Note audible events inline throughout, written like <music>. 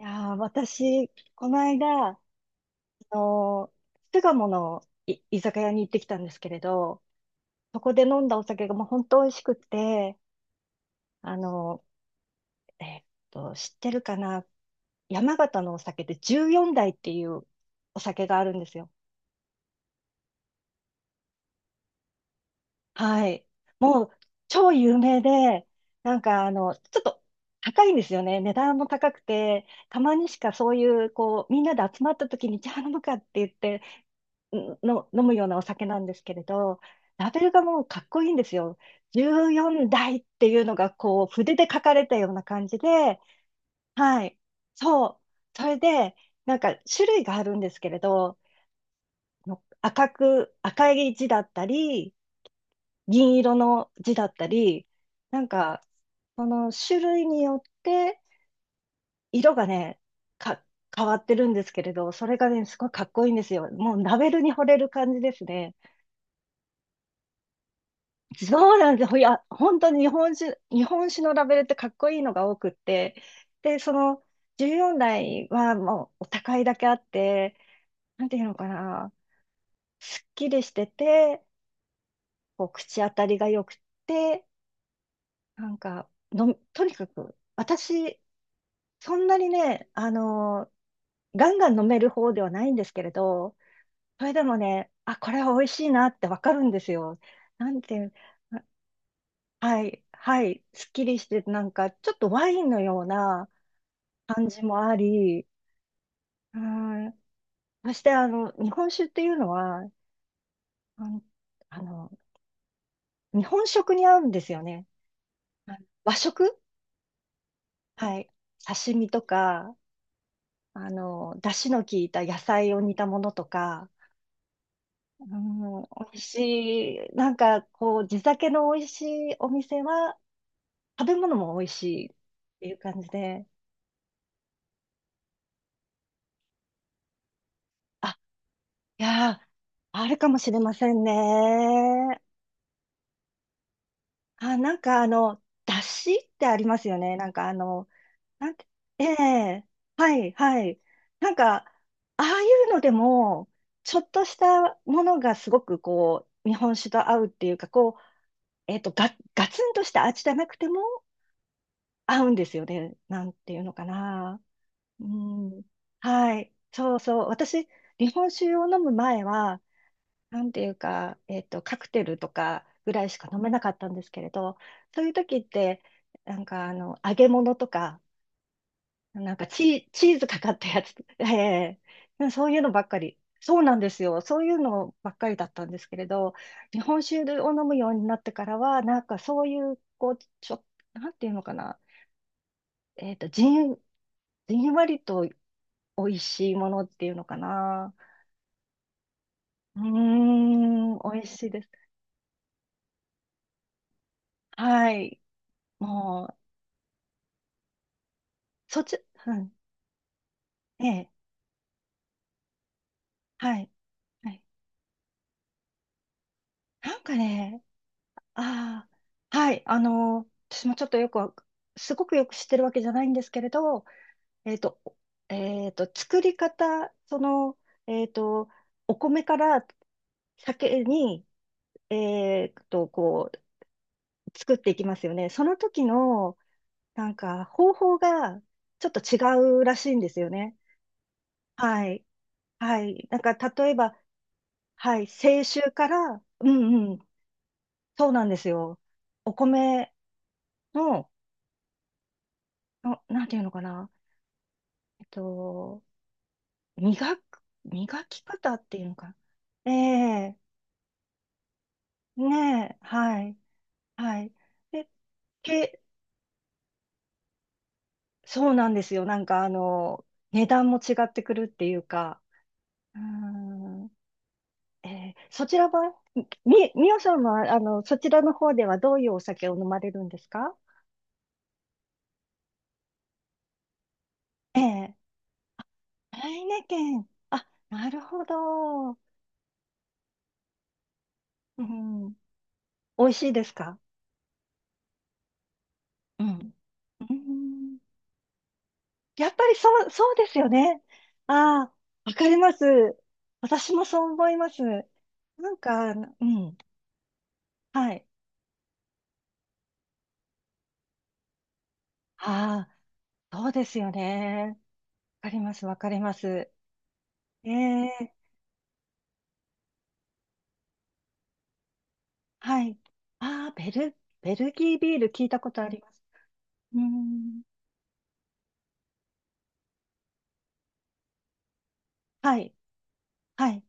いやー、私、この間、の巣鴨の居酒屋に行ってきたんですけれど、そこで飲んだお酒がもう本当美味しくて、あのー、えーっ知ってるかな、山形のお酒で14代っていうお酒があるんですよ。はい。もう超有名で、なんかちょっと高いんですよね。値段も高くて、たまにしかそういう、こう、みんなで集まった時に、じゃあ飲むかって言って、飲むようなお酒なんですけれど、ラベルがもうかっこいいんですよ。14代っていうのがこう筆で書かれたような感じで、はい。そう。それで、なんか種類があるんですけれど、の赤く、赤い字だったり、銀色の字だったり、なんか、その種類によって色がね、か、変わってるんですけれど、それがね、すごいかっこいいんですよ。もうラベルに惚れる感じですね。そうなんですよ。いや、本当に日本酒のラベルってかっこいいのが多くって、で、その14代はもうお高いだけあって、なんていうのかな、すっきりしてて、こう口当たりが良くて、なんかの、とにかく私、そんなにね、ガンガン飲める方ではないんですけれど、それでもね、あ、これは美味しいなってわかるんですよ。なんていう。はい、はい、すっきりして、なんか、ちょっとワインのような感じもあり、はい。そして、日本酒っていうのは、あの、あの日本食に合うんですよね。はい。和食。はい。刺身とか、出汁の効いた野菜を煮たものとか、うん、美味しい、なんか、こう、地酒の美味しいお店は、食べ物も美味しいっていう感じで、あいやー、あるかもしれませんね。あ、なんかだしってありますよね。なんかあの、なんて、ええ、はい、はい。なんか、ああいうのでも、ちょっとしたものがすごくこう、日本酒と合うっていうか、こう、ガツンとした味じゃなくても合うんですよね。なんていうのかな。うん。はい。そうそう。私、日本酒を飲む前は、なんていうか、カクテルとかぐらいしか飲めなかったんですけれど、そういう時って、なんか揚げ物とか、なんかチーズかかったやつ、<laughs> ええ、そういうのばっかり。そうなんですよ。そういうのばっかりだったんですけれど、日本酒を飲むようになってからは、なんかそういう、こう、なんていうのかな、えっと、じん、じんわりと美味しいものっていうのかな。うーん、美味しいです。はい。もう、そっち、うん。ええ。はい。はい。なんかね、ああ、はい。私もちょっとよくわ、すごくよく知ってるわけじゃないんですけれど、えっと、作り方、その、えっと、お米から酒に、こう、作っていきますよね。その時の、なんか、方法が、ちょっと違うらしいんですよね。はい。はい。なんか、例えば、はい。清酒から、うんうん。そうなんですよ。お米の、なんていうのかな。えっと、磨き方っていうのかな。ええ、ねえ、はい、はい。で、け、そうなんですよ。なんか、値段も違ってくるっていうか。うーん、ええ、そちらは、み、みおさんは、そちらの方ではどういうお酒を飲まれるんですか？ええ、ハイネケン。あ、なるほど。うん、美味しいですか？うん。うん、やっぱりそう、そうですよね。ああ、わかります。私もそう思います。なんか、うん、はい。ああ、そうですよね。わかります、わかります。ええ、はい。ああ、ベルギービール聞いたことあります。うん、はい、はい。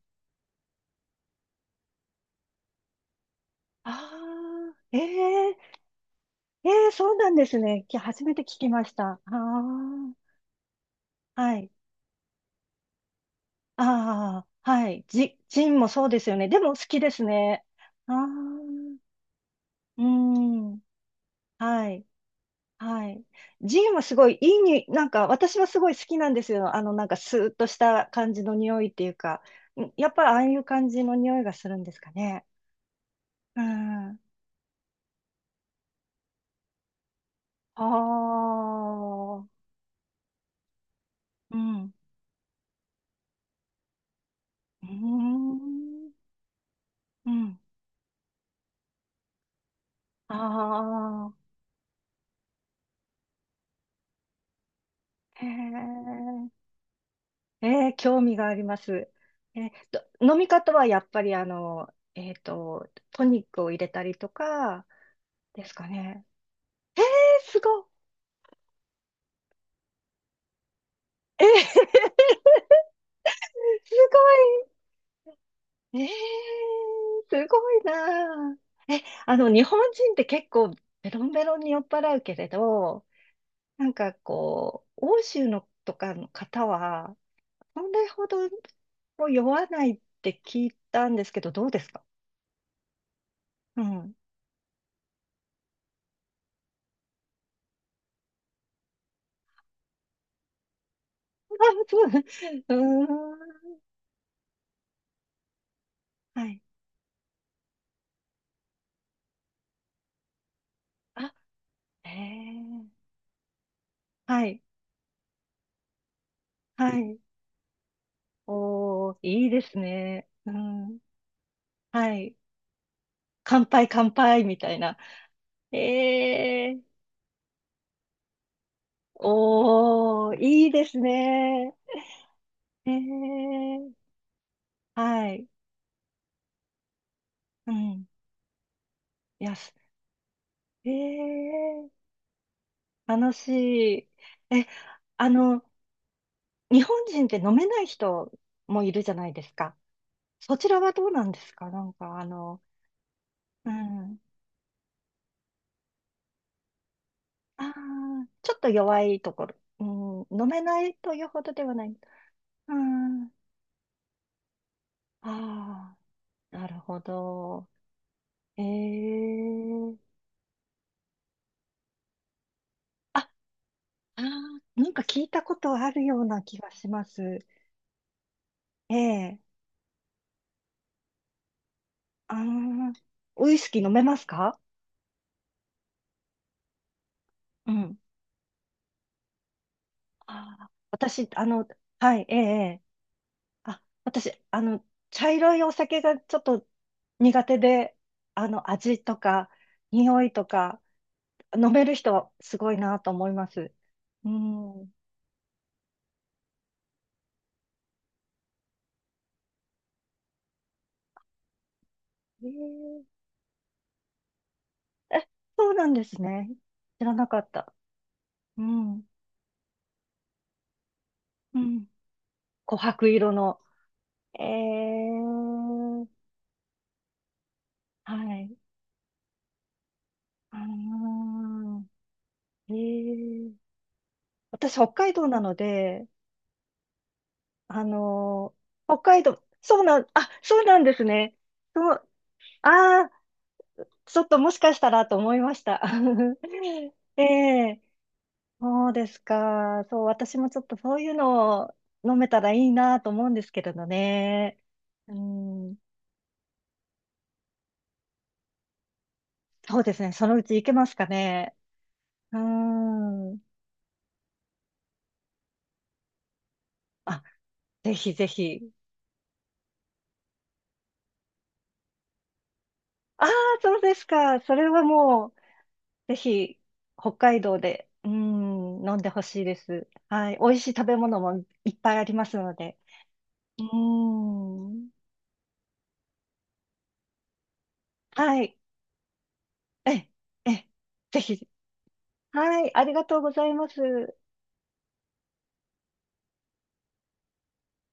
ああ、ええ、ええ、そうなんですね。初めて聞きました。ああ、はい。ああ、はい。ジンもそうですよね。でも好きですね。ああ、うん。はい。はい。ジンはすごいいいに、なんか私はすごい好きなんですよ。なんかスーッとした感じの匂いっていうか。やっぱりああいう感じの匂いがするんですかね？うん。ああ、うん。うーん。うん。ああ、へえ。えー、興味があります。えーと、飲み方はやっぱりトニックを入れたりとかですかね？えー、すごい。えー、 <laughs> すごい。えー、すごいなあ。え、日本人って結構ベロンベロンに酔っ払うけれど、なんかこう、欧州のとかの方は、それほどもう酔わないって聞いたんですけど、どうですか？うん。<laughs> あ、そう。うーん。はい。あ、へえ。はい。はい。おー、いいですね。うん。はい。乾杯、乾杯、みたいな。ええ。おー、いいですね。ええ。はい。うん。いや、ええ、楽しい。え、あの、日本人って飲めない人もいるじゃないですか。そちらはどうなんですか？なんか、うん。ああ、ちょっと弱いところ。うん、飲めないというほどではない。あー、あー、なるほど。ええ、あ、ああ、なんか聞いたことあるような気がします。ええ、ああ、ウイスキー飲めますか？うん。ああ、私、はい、ええええ、あ、私、茶色いお酒がちょっと苦手で、味とか、匂いとか、飲める人はすごいなと思います。うん。えー、え、そうなんですね。知らなかった。うん。うん。琥珀色の。えー、はい。あー、えー、私、北海道なので、あの北海道、そうなん、あ、そうなんですね。そう、ああ、ちょっともしかしたらと思いました。<laughs> ええ、そうですか。そう、私もちょっとそういうのを飲めたらいいなと思うんですけれどね。うん、そうですね。そのうち行けますかね。うん。あ、ぜひぜひ。ああ、そうですか。それはもう、ぜひ、北海道で、うん、飲んでほしいです。はい。美味しい食べ物もいっぱいありますので。うん。はい。え、え、ぜひ。はい。ありがとうございます。